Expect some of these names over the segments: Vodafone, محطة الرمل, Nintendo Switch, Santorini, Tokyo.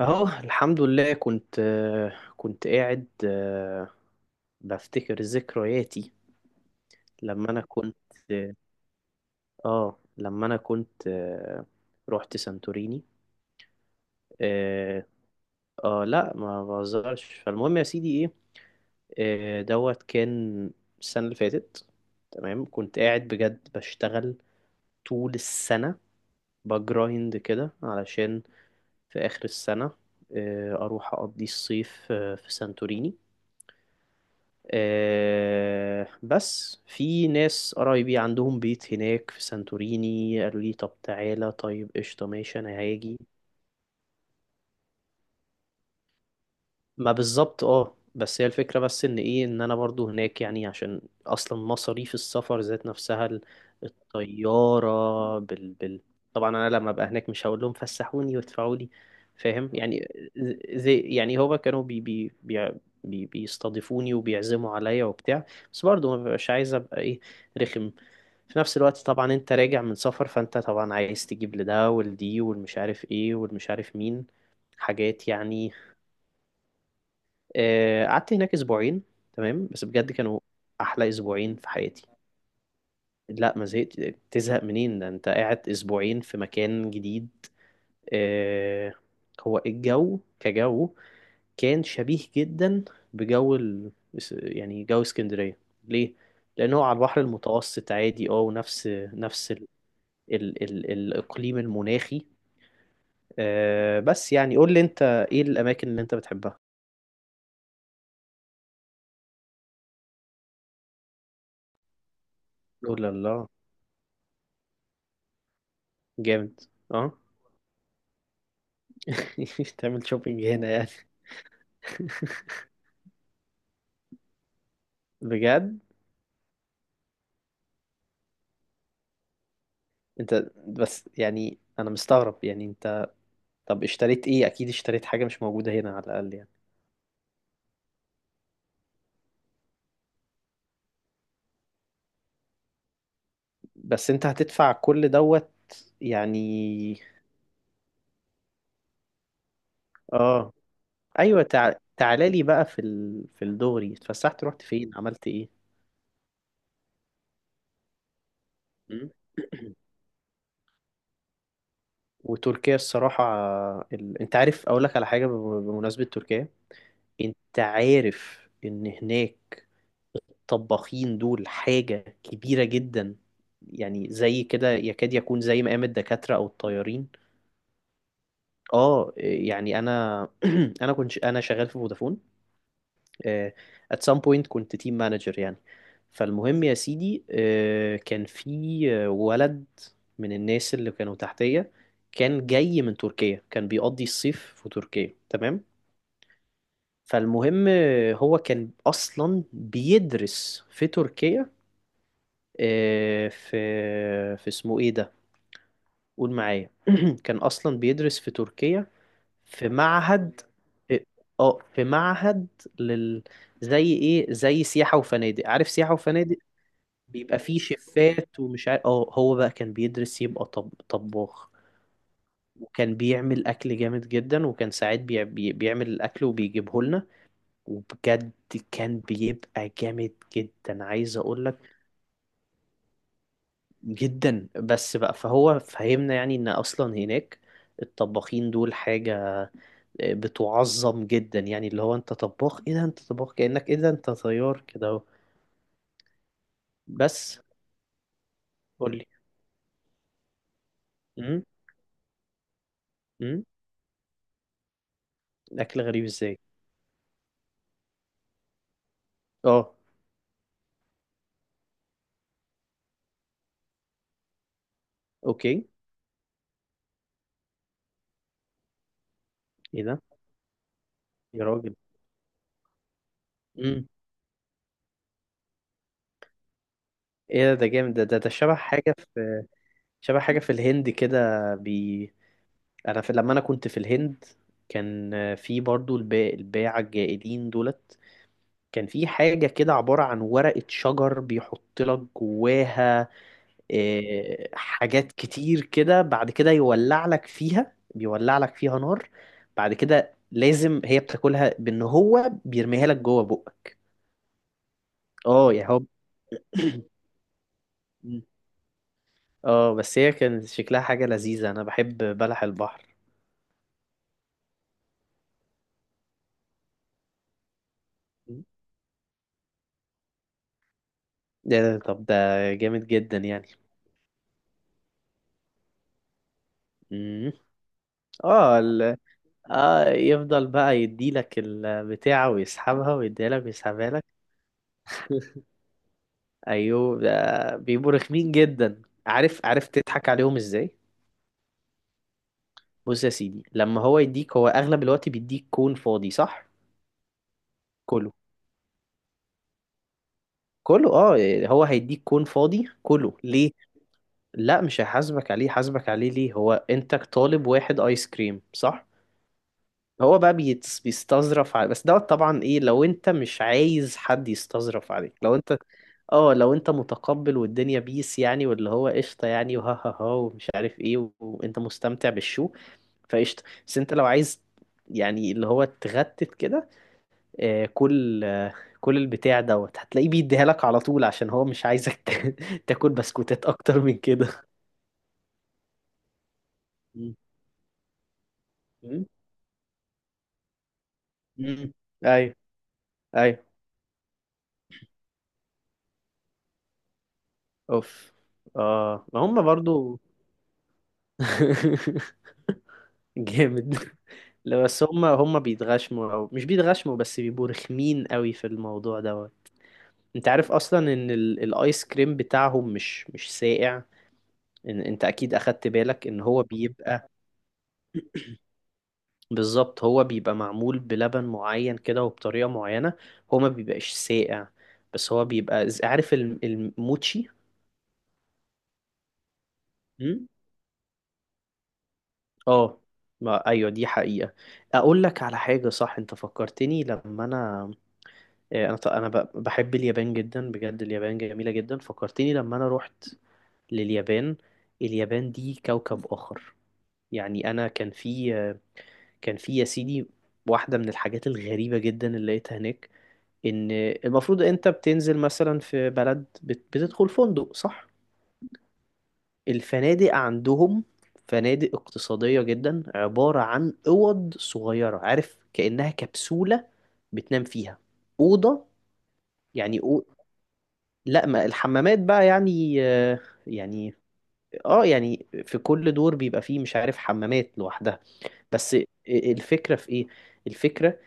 اهو الحمد لله. كنت كنت قاعد بفتكر ذكرياتي لما انا كنت اه لما انا كنت آه، رحت سانتوريني. اه. لا ما بهزرش. فالمهم يا سيدي ايه دوت كان السنة اللي فاتت. تمام. كنت قاعد بجد بشتغل طول السنة بجرايند كده علشان في آخر السنة أروح أقضي الصيف في سانتوريني. بس في ناس قرايبي عندهم بيت هناك في سانتوريني قالوا لي طب تعالى. طيب قشطة ماشي أنا هاجي. ما بالظبط اه. بس هي الفكرة بس ان ايه ان انا برضو هناك يعني عشان اصلا مصاريف السفر ذات نفسها الطيارة طبعا انا لما ابقى هناك مش هقول لهم فسحوني وادفعوا لي. فاهم يعني. زي يعني هو كانوا بي بي بي بي بيستضيفوني وبيعزموا عليا وبتاع. بس برضو ما ببقاش عايز ابقى ايه رخم. في نفس الوقت طبعا انت راجع من سفر فانت طبعا عايز تجيب لده ولدي والمش عارف ايه والمش عارف مين. حاجات يعني. قعدت هناك اسبوعين. تمام بس بجد كانوا احلى اسبوعين في حياتي. لا ما زهقت. تزهق منين؟ ده انت قاعد اسبوعين في مكان جديد. آه، هو الجو كجو كان شبيه جدا بجو ال... يعني جو اسكندرية. ليه؟ لأنه هو على البحر المتوسط عادي اه. ونفس نفس ال... ال... ال... الإقليم المناخي. بس يعني قول لي انت ايه الأماكن اللي انت بتحبها. قول الله. جامد. اه. تعمل شوبينج هنا يعني؟ بجد. انت بس يعني انا مستغرب يعني انت. طب اشتريت ايه؟ اكيد اشتريت حاجة مش موجودة هنا على الاقل يعني. بس انت هتدفع كل دوت يعني. اه. ايوه. تعالى لي بقى في الدغري. اتفسحت رحت فين عملت ايه؟ مم. وتركيا الصراحة. انت عارف اقول لك على حاجة بمناسبة تركيا. انت عارف ان هناك طباخين دول حاجة كبيرة جدا. يعني زي كده يكاد يكون زي مقام الدكاترة أو الطيارين. اه. يعني أنا أنا كنت شغال في فودافون. آه، at some point كنت تيم مانجر يعني. فالمهم يا سيدي كان في ولد من الناس اللي كانوا تحتية. كان جاي من تركيا. كان بيقضي الصيف في تركيا. تمام. فالمهم هو كان أصلا بيدرس في تركيا آه، في في اسمه ايه ده؟ قول معايا. كان اصلا بيدرس في تركيا في معهد. اه آه، في معهد لل زي ايه زي سياحة وفنادق. عارف سياحة وفنادق؟ بيبقى فيه شيفات ومش عارف. اه هو بقى كان بيدرس يبقى طباخ. وكان بيعمل اكل جامد جدا. وكان ساعات بيعمل الاكل وبيجيبه لنا. وبجد كان بيبقى جامد جدا عايز اقول لك. جدا. بس بقى فهو فهمنا يعني ان اصلا هناك الطباخين دول حاجة بتعظم جدا. يعني اللي هو انت طباخ؟ ايه ده؟ انت طباخ كأنك ايه ده انت طيار كده اهو. بس قولي. امم امم. اكل غريب ازاي؟ اه. اوكي. ايه ده يا راجل؟ امم. ايه ده؟ ده جامد. ده ده ده شبه حاجة في الهند كده. بي انا في لما انا كنت في الهند. كان في برضو الباعة الجائلين دولت. كان في حاجة كده عبارة عن ورقة شجر بيحط لك جواها حاجات كتير كده. بعد كده يولع لك فيها بيولع لك فيها نار. بعد كده لازم هي بتاكلها بان هو بيرميها لك جوه بقك. اه يا هو. اه بس هي كان شكلها حاجة لذيذة. انا بحب بلح البحر. ده طب ده جامد جدا يعني. مم. اه اه يفضل بقى يديلك البتاعة ويسحبها ويديلك ويسحبها لك. ايوه. ده بيبقوا رخمين جدا. عارف؟ عارف تضحك عليهم ازاي؟ بص يا سيدي. لما هو يديك هو اغلب الوقت بيديك كون فاضي صح؟ كله. كله اه. هو هيديك كون فاضي كله ليه؟ لا مش هيحاسبك عليه. حاسبك عليه ليه؟ هو انت طالب واحد ايس كريم صح؟ هو بقى بيستظرف على. بس دوت طبعا ايه لو انت مش عايز حد يستظرف عليك. لو انت اه لو انت متقبل والدنيا بيس يعني واللي هو قشطه يعني وها ها ها ومش عارف ايه وانت مستمتع بالشو. فقشطة. بس انت لو عايز يعني اللي هو تغتت كده آه، كل آه، كل البتاع دوت هتلاقيه بيديها لك على طول عشان هو مش عايزك تاكل بسكوتات اكتر من كده. مم. مم. مم. ايوه. ايوه. اوف. اه ما هم برضو. جامد. لا بس هم بيتغشموا او مش بيتغشموا. بس بيبقوا رخمين قوي في الموضوع دوت. انت عارف اصلا ان الايس كريم بتاعهم مش ساقع. إن انت اكيد اخدت بالك ان هو بيبقى. بالظبط هو بيبقى معمول بلبن معين كده وبطريقة معينة. هو ما بيبقاش ساقع بس هو بيبقى عارف الموتشي؟ مم؟ اه ما ايوه دي حقيقة. اقول لك على حاجة صح. انت فكرتني لما انا بحب اليابان جدا. بجد اليابان جميلة جدا. فكرتني لما انا رحت لليابان. اليابان دي كوكب آخر. يعني انا كان في يا سيدي واحدة من الحاجات الغريبة جدا اللي لقيتها هناك. ان المفروض انت بتنزل مثلا في بلد بتدخل فندق صح؟ الفنادق عندهم فنادق اقتصادية جدا عبارة عن أوض صغيرة. عارف كأنها كبسولة بتنام فيها؟ أوضة يعني لا ما الحمامات بقى يعني يعني اه يعني في كل دور بيبقى فيه مش عارف حمامات لوحدها. بس الفكرة في ايه؟ الفكرة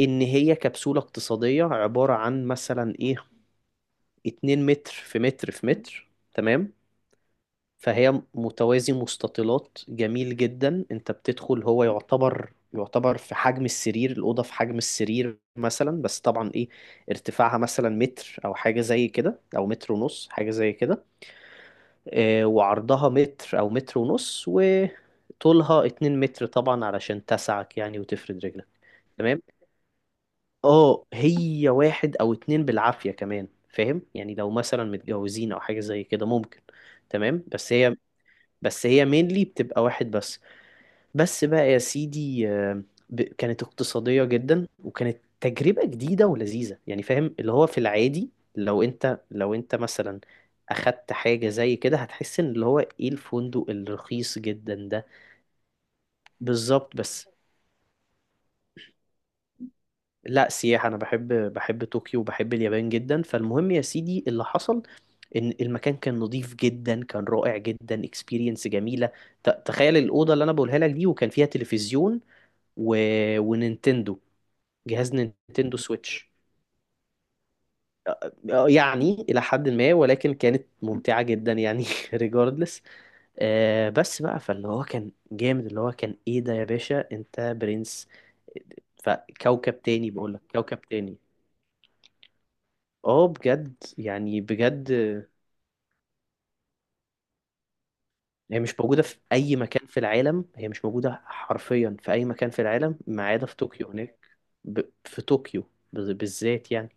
ان هي كبسولة اقتصادية عبارة عن مثلا ايه 2 متر في متر في متر. تمام. فهي متوازي مستطيلات جميل جدا. انت بتدخل هو يعتبر في حجم السرير. الأوضة في حجم السرير مثلا بس طبعا ايه ارتفاعها مثلا متر او حاجة زي كده او متر ونص حاجة زي كده. اه وعرضها متر او متر ونص وطولها 2 متر طبعا علشان تسعك يعني وتفرد رجلك. تمام. اه هي واحد او اتنين بالعافية كمان. فاهم يعني؟ لو مثلا متجوزين او حاجة زي كده ممكن. تمام. بس هي مينلي بتبقى واحد بس. بس بقى يا سيدي كانت اقتصادية جدا وكانت تجربة جديدة ولذيذة يعني. فاهم اللي هو في العادي لو انت مثلا اخدت حاجة زي كده هتحس ان اللي هو ايه الفندق الرخيص جدا ده. بالظبط بس. لا سياحة. أنا بحب طوكيو وبحب اليابان جدا. فالمهم يا سيدي اللي حصل إن المكان كان نظيف جدا. كان رائع جدا. اكسبيرينس جميلة. تخيل الأوضة اللي أنا بقولها لك دي. وكان فيها تلفزيون و... ونينتندو. جهاز نينتندو سويتش يعني إلى حد ما. ولكن كانت ممتعة جدا يعني. ريجاردلس. بس بقى فاللي هو كان جامد. اللي هو كان إيه ده يا باشا أنت برنس. فكوكب تاني بقول لك. كوكب تاني. اه بجد يعني. بجد. هي مش موجودة في أي مكان في العالم. هي مش موجودة حرفيا في أي مكان في العالم ما عدا في طوكيو هناك. في طوكيو بالذات يعني.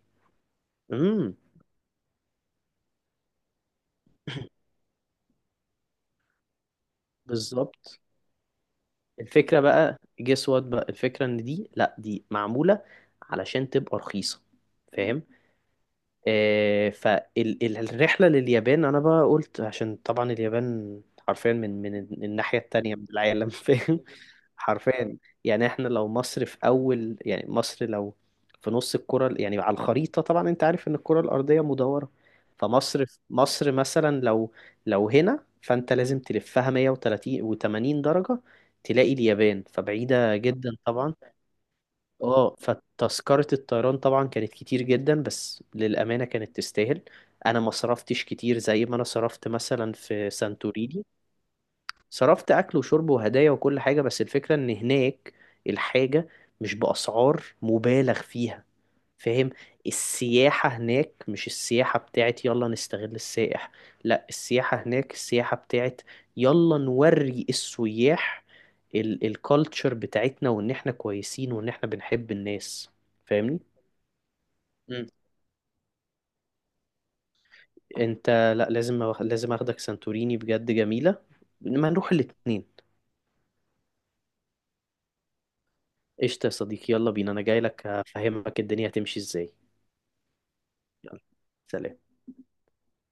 امم. بالظبط. الفكرة بقى جس وات. بقى الفكرة إن دي لأ دي معمولة علشان تبقى رخيصة. فاهم؟ فالرحلة لليابان أنا بقى قلت عشان طبعا اليابان حرفيا من الناحية التانية من العالم. فاهم؟ حرفيا. يعني احنا لو مصر في أول يعني مصر لو في نص الكرة يعني على الخريطة. طبعا أنت عارف إن الكرة الأرضية مدورة. فمصر مثلا لو هنا فأنت لازم تلفها 130 و80 درجة تلاقي اليابان. فبعيدة جدا طبعا. اه فتذكرة الطيران طبعا كانت كتير جدا. بس للأمانة كانت تستاهل. أنا ما صرفتش كتير زي ما أنا صرفت مثلا في سانتوريني. صرفت أكل وشرب وهدايا وكل حاجة. بس الفكرة إن هناك الحاجة مش بأسعار مبالغ فيها. فاهم؟ السياحة هناك مش السياحة بتاعت يلا نستغل السائح. لا السياحة هناك السياحة بتاعت يلا نوري السياح الكالتشر بتاعتنا وان احنا كويسين وان احنا بنحب الناس. فاهمني؟ مم. انت لا لازم اخدك سانتوريني بجد جميلة. ما نروح الاتنين. قشطة يا صديقي يلا بينا. انا جاي لك افهمك الدنيا هتمشي ازاي. يلا. سلام.